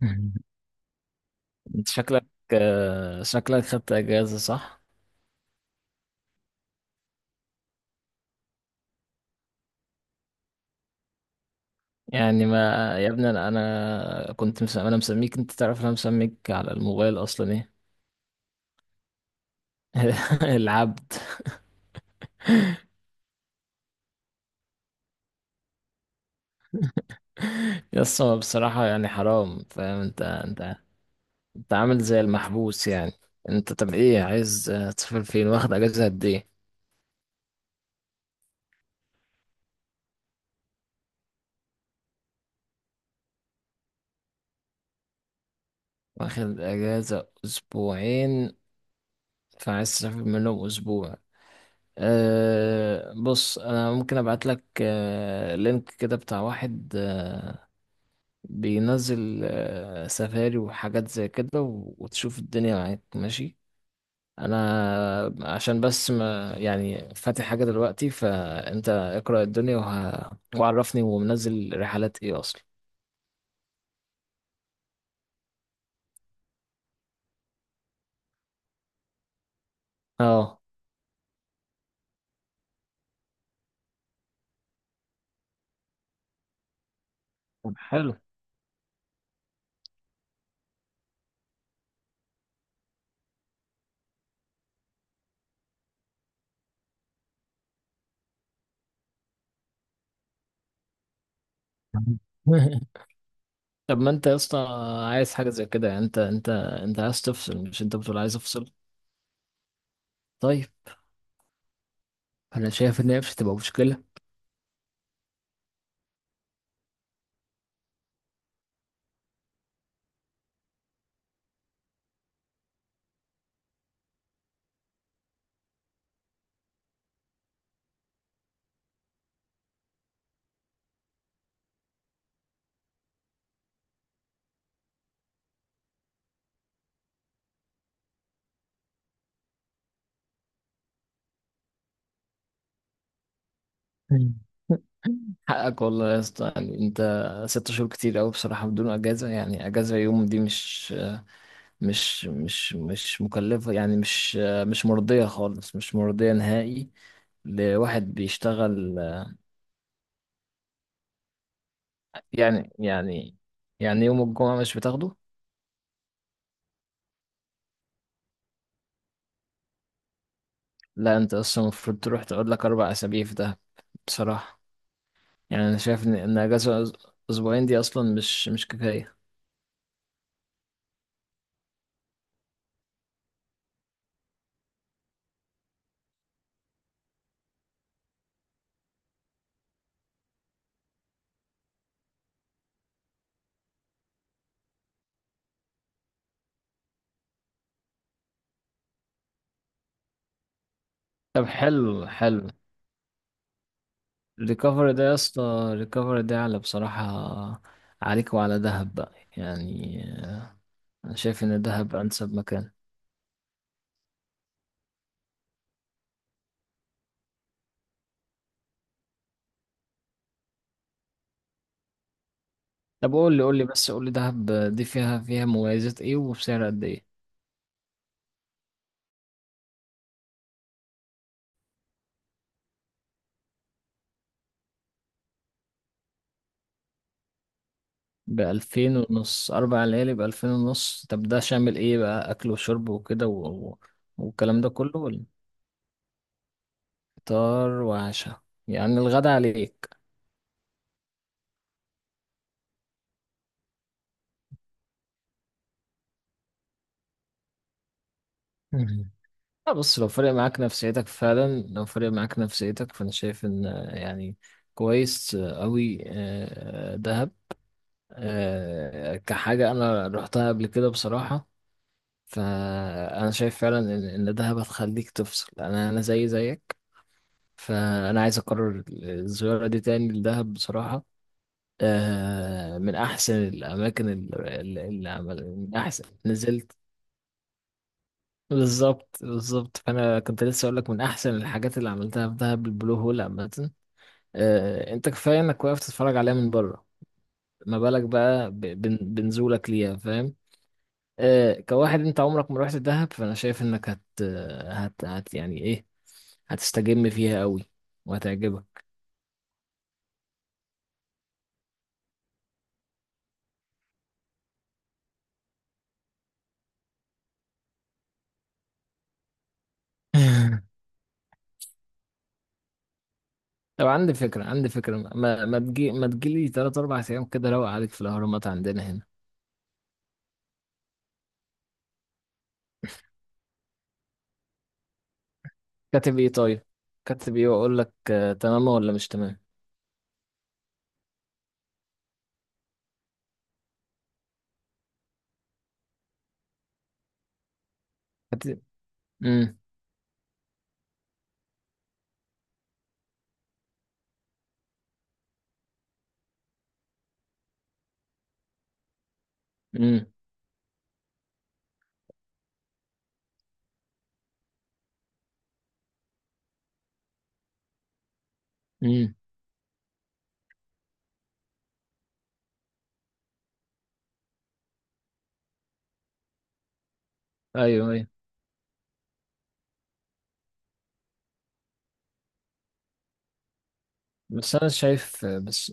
انت شكلك خدت اجازه، صح؟ يعني ما يا ابني، انا انا مسميك. انت تعرف انا مسميك على الموبايل اصلا ايه. العبد. يس، هو بصراحه يعني حرام. فاهم؟ انت انت عامل زي المحبوس يعني. انت طب ايه عايز، تسافر فين؟ واخد اجازه قد ايه؟ واخد اجازه اسبوعين، فعايز تسافر منهم اسبوع. بص، انا ممكن ابعت لك لينك كده بتاع واحد بينزل سفاري وحاجات زي كده، وتشوف الدنيا معاك. ماشي؟ انا عشان بس ما يعني فاتح حاجة دلوقتي، فانت اقرأ الدنيا وعرفني ومنزل رحلات ايه اصلا. اه طب حلو. طب ما انت يا اسطى عايز حاجة زي كده يعني. انت انت عايز تفصل. مش انت بتقول عايز افصل؟ طيب، انا شايف ان هي مش هتبقى مشكلة. حقك والله يا اسطى، يعني انت ست شهور كتير قوي بصراحة بدون اجازة. يعني اجازة يوم دي مش مش مش مش مكلفة، يعني مش مرضية خالص، مش مرضية نهائي لواحد بيشتغل. يعني يعني يعني يوم الجمعة مش بتاخده؟ لا، انت اصلا المفروض تروح تقعد لك اربع اسابيع في ده. بصراحة، يعني انا شايف ان اجازة اسبوعين دي اصلا مش كفاية. طب حلو، حلو. الريكفري ده يا اسطى، الريكفري ده على بصراحة عليك وعلى دهب بقى يعني. أنا شايف إن دهب أنسب مكان. طب قول لي، دهب دي فيها مميزات إيه؟ وبسعر قد إيه؟ بألفين ونص، أربع ليالي بألفين ونص؟ طب ده شامل إيه بقى، أكل وشرب وكده والكلام ده كله، ولا فطار وعشاء؟ يعني الغدا عليك. لا بص، لو فرق معاك نفسيتك فعلا، لو فرق معاك نفسيتك، فانا شايف ان يعني كويس قوي دهب. كحاجة انا رحتها قبل كده بصراحة، فانا شايف فعلا إن دهب هتخليك تفصل. انا زي زيك. فانا عايز اكرر الزيارة دي تاني لدهب بصراحة. من احسن الاماكن اللي عمل من احسن نزلت. بالظبط، بالظبط. فانا كنت لسه اقول لك، من احسن الحاجات اللي عملتها في دهب البلو هول عامه. انت كفايه انك واقف تتفرج عليها من بره. ما بالك بقى بنزولك ليها، فاهم؟ كواحد انت عمرك ما رحت دهب، فانا شايف انك هت هت, هت يعني ايه، هتستجم فيها قوي وهتعجبك. طب عندي فكره، عندي فكره، ما ما تجي ما تجيلي 3 4 ايام كده، روق عليك في الاهرامات عندنا هنا. كاتب ايه؟ طيب، كاتب ايه واقول لك تمام ولا مش تمام. كاتب امم امم ايوه، ايوه، بس انا شايف. بس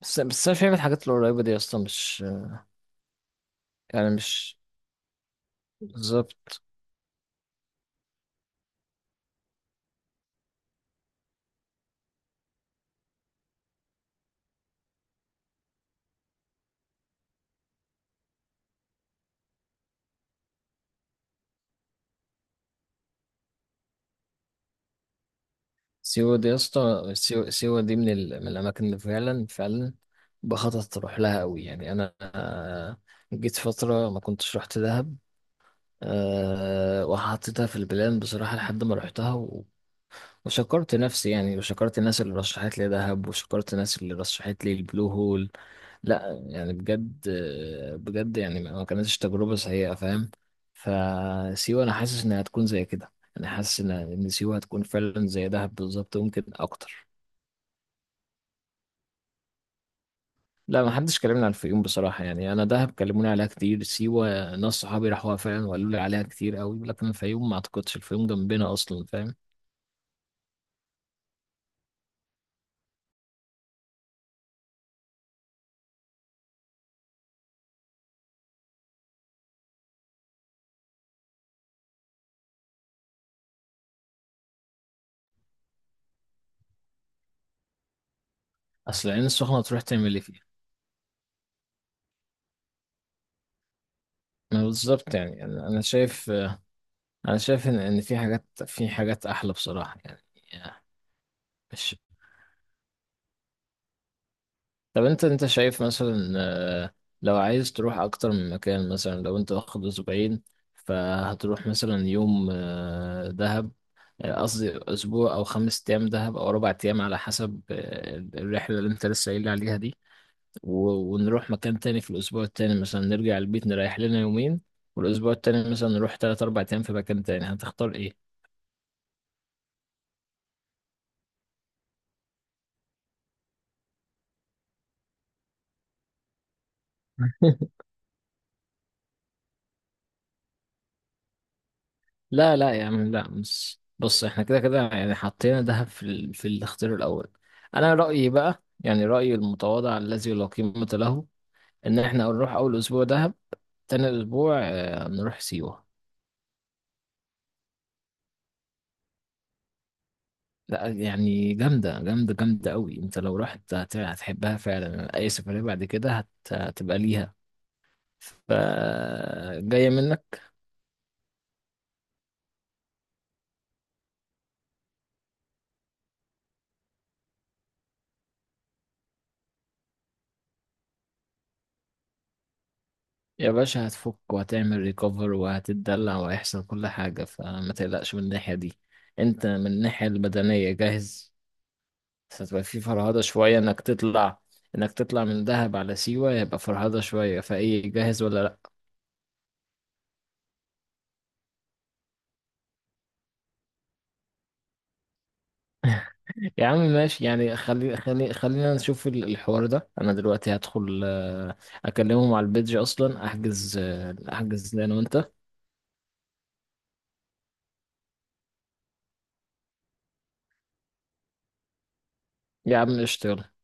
بس, بس انا شايف الحاجات القريبه دي يا اسطى مش، يعني مش بالظبط. سيوه دي يا اسطى، سيوه دي من الاماكن اللي فعلا، فعلا بخطط اروح لها قوي، يعني انا. جيت فتره ما كنتش رحت دهب، وحطيتها في البلان بصراحه لحد ما رحتها، وشكرت نفسي، يعني وشكرت الناس اللي رشحت لي دهب، وشكرت الناس اللي رشحت لي البلو هول. لا يعني بجد، بجد يعني ما كانتش تجربة سيئة، فاهم؟ فسيوة أنا حاسس إنها هتكون زي كده. أنا حاسس إن سيوة هتكون فعلا زي دهب بالظبط، ممكن أكتر. لا، ما حدش كلمني عن الفيوم بصراحة، يعني أنا دهب كلموني عليها كتير. سيوة ناس صحابي راحوها فعلا وقالوا لي عليها كتير قوي، لكن الفيوم ما أعتقدش. الفيوم جنبنا أصلا، فاهم؟ أصل العين السخنة تروح تعمل إيه فيها؟ ما بالظبط، يعني أنا شايف، أنا شايف إن في حاجات أحلى بصراحة يعني. مش طب، انت شايف مثلا، لو عايز تروح اكتر من مكان، مثلا لو انت واخد اسبوعين، فهتروح مثلا يوم دهب، قصدي اسبوع او خمس ايام دهب او اربع ايام على حسب الرحله اللي انت لسه قايل لي عليها دي، ونروح مكان تاني في الاسبوع التاني. مثلا نرجع البيت، نريح لنا يومين، والاسبوع التاني مثلا نروح تلات اربع ايام في مكان تاني. هتختار ايه؟ لا لا يا عم، لا. بص، بص، احنا كده كده يعني حطينا دهب في في الاختيار الاول. انا رايي بقى، يعني رايي المتواضع الذي لا قيمه له، ان احنا نروح اول اسبوع دهب، تاني اسبوع نروح سيوه. لا يعني جامده، جامده، جامده قوي. انت لو رحت هتحبها فعلا. اي سفريه بعد كده هتبقى ليها. ف جايه منك. يا باشا، هتفك وهتعمل ريكفر وهتتدلع وهيحصل كل حاجة، فما تقلقش من الناحية دي. انت من الناحية البدنية جاهز. بس هتبقى في فرهدة شوية انك تطلع، انك تطلع من دهب على سيوة يبقى فرهدة شوية. فايه، جاهز ولا لا؟ يا عم ماشي، يعني خلينا نشوف الحوار ده. انا دلوقتي هدخل اكلمهم على البيدج اصلا. احجز انا وانت. يا عم قشطة، يلا.